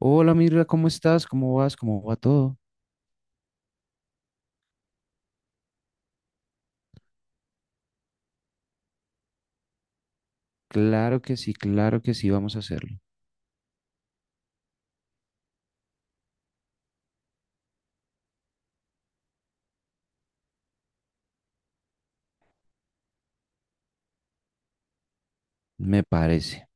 Hola Mirra, ¿cómo estás? ¿Cómo vas? ¿Cómo va todo? Claro que sí, vamos a hacerlo. Me parece.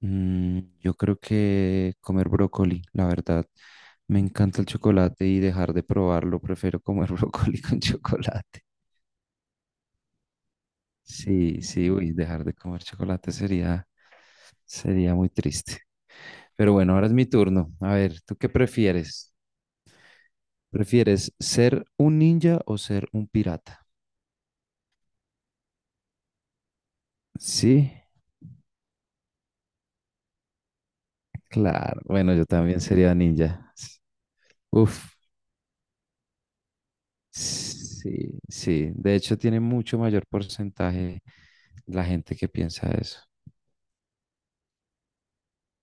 Mm, yo creo que comer brócoli, la verdad. Me encanta el chocolate y dejar de probarlo, prefiero comer brócoli con chocolate. Sí, sí, uy, dejar de comer chocolate sería, sería muy triste. Pero bueno, ahora es mi turno. A ver, ¿tú qué prefieres? ¿Prefieres ser un ninja o ser un pirata? Sí, claro. Bueno, yo también sería ninja. Uf, sí, sí. De hecho, tiene mucho mayor porcentaje la gente que piensa eso.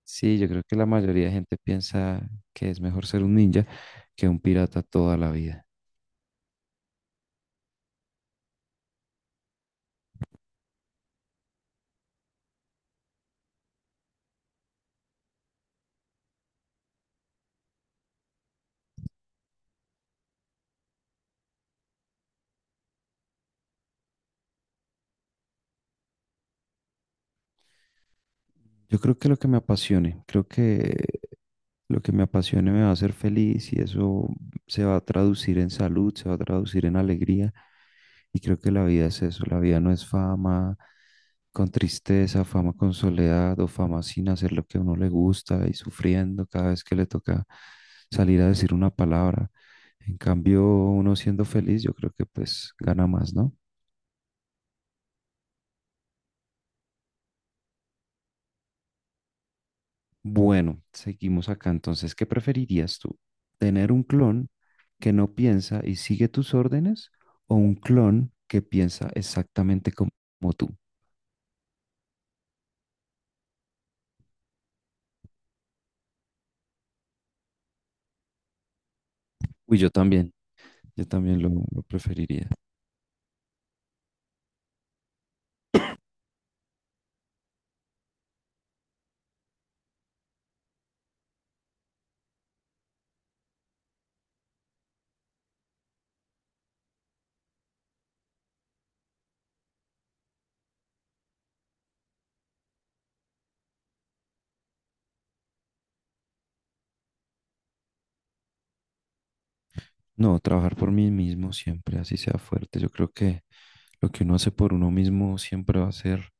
Sí, yo creo que la mayoría de gente piensa que es mejor ser un ninja que un pirata toda la vida. Yo creo que lo que me apasione me va a hacer feliz y eso se va a traducir en salud, se va a traducir en alegría. Y creo que la vida es eso, la vida no es fama con tristeza, fama con soledad o fama sin hacer lo que a uno le gusta y sufriendo cada vez que le toca salir a decir una palabra. En cambio, uno siendo feliz, yo creo que pues gana más, ¿no? Bueno, seguimos acá. Entonces, ¿qué preferirías tú? ¿Tener un clon que no piensa y sigue tus órdenes o un clon que piensa exactamente como tú? Uy, yo también lo preferiría. No, trabajar por mí mismo siempre, así sea fuerte. Yo creo que lo que uno hace por uno mismo siempre va a ser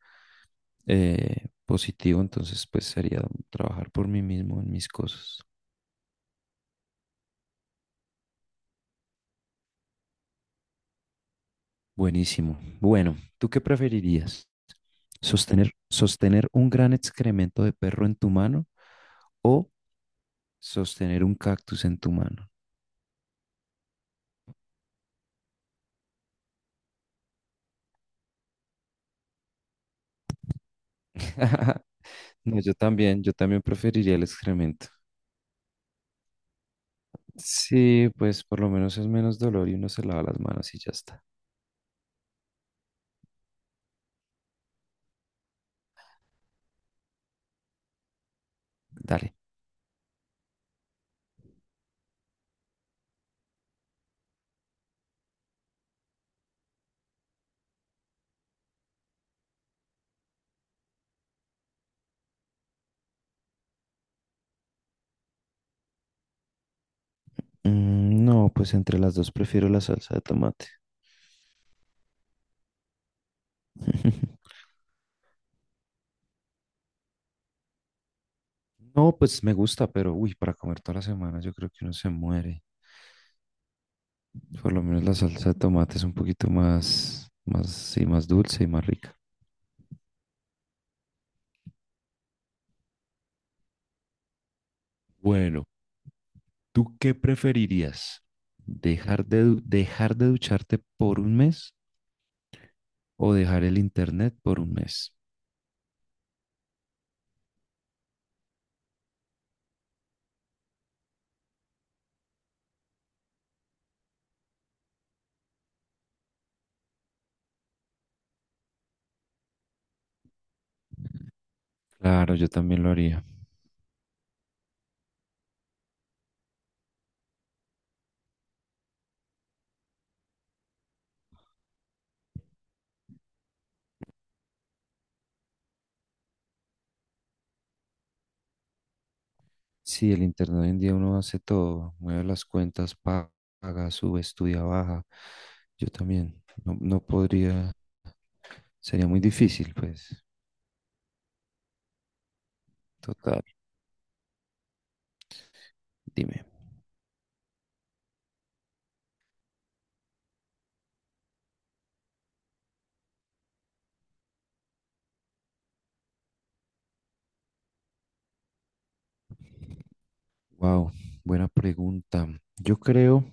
positivo, entonces pues sería trabajar por mí mismo en mis cosas. Buenísimo. Bueno, ¿tú qué preferirías? Sostener un gran excremento de perro en tu mano o sostener un cactus en tu mano. No, yo también preferiría el excremento. Sí, pues por lo menos es menos dolor y uno se lava las manos y ya está. Dale. Mm, no, pues entre las dos prefiero la salsa de tomate. No, pues me gusta, pero uy, para comer toda la semana yo creo que uno se muere. Por lo menos la salsa de tomate es un poquito sí, más dulce y más rica. Bueno, ¿tú qué preferirías? ¿Dejar de, dejar de ducharte por un mes o dejar el internet por un mes? Claro, yo también lo haría. Sí, el internet hoy en día uno hace todo, mueve las cuentas, paga, sube, estudia, baja. Yo también, no, no podría, sería muy difícil, pues. Total, dime. Wow, buena pregunta. Yo creo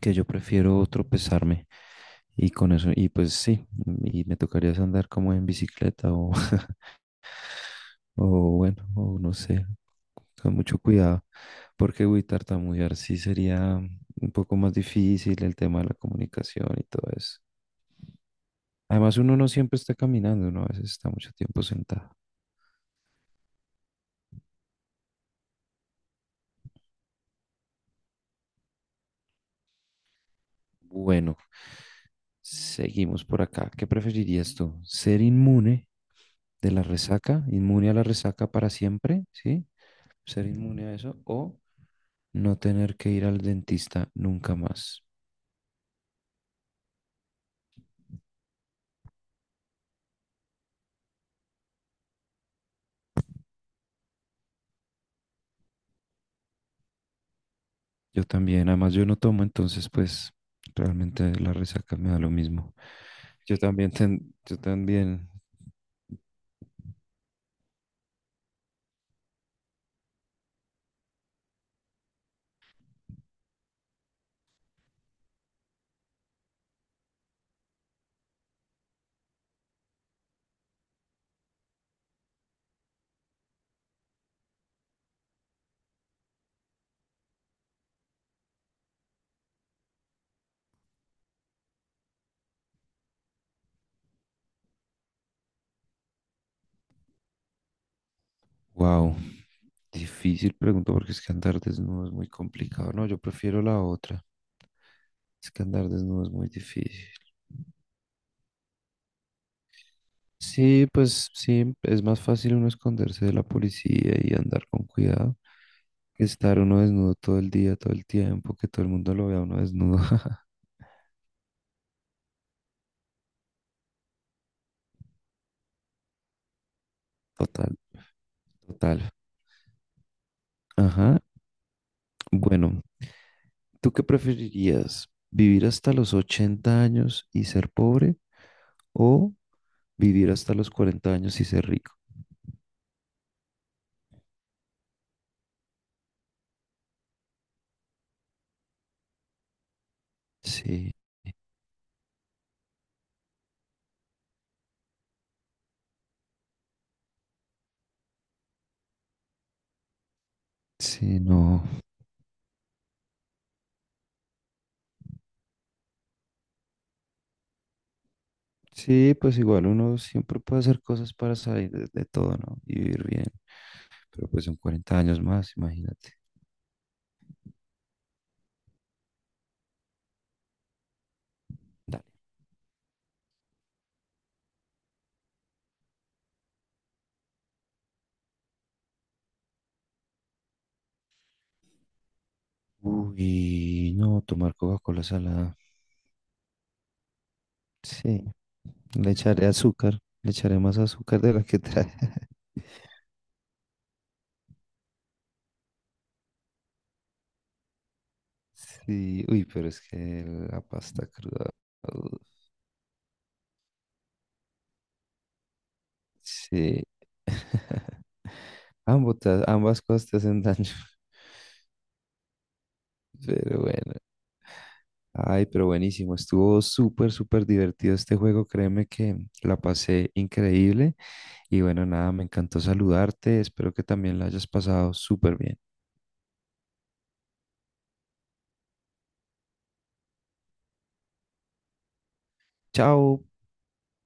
que yo prefiero tropezarme y con eso, y pues sí, y me tocaría es andar como en bicicleta o o bueno, o no sé, con mucho cuidado, porque uy, tartamudear sí sería un poco más difícil el tema de la comunicación y todo eso. Además, uno no siempre está caminando, uno a veces está mucho tiempo sentado. Bueno, seguimos por acá. ¿Qué preferirías tú? ¿Ser inmune de la resaca, inmune a la resaca para siempre, sí? ¿Ser inmune a eso o no tener que ir al dentista nunca más? Yo también, además yo no tomo, entonces pues realmente la resaca me da lo mismo. Yo también, yo también, wow, difícil pregunta porque es que andar desnudo es muy complicado. No, yo prefiero la otra. Es que andar desnudo es muy difícil. Sí, pues sí, es más fácil uno esconderse de la policía y andar con cuidado que estar uno desnudo todo el día, todo el tiempo, que todo el mundo lo vea uno desnudo. Total, total. Ajá. Bueno, ¿tú qué preferirías? ¿Vivir hasta los 80 años y ser pobre o vivir hasta los 40 años y ser rico? Sí, sí, no. Sí, pues igual uno siempre puede hacer cosas para salir de todo, ¿no? Y vivir bien. Pero pues son 40 años más, imagínate. Dale. Uy, no, tomar Coca-Cola salada. Sí, le echaré azúcar, le echaré más azúcar de la que trae. Sí, uy, pero es que la pasta cruda. Uh, sí. Ambas cosas te hacen daño. Pero bueno. Ay, pero buenísimo. Estuvo súper, súper divertido este juego. Créeme que la pasé increíble. Y bueno, nada, me encantó saludarte. Espero que también la hayas pasado súper bien. Chao.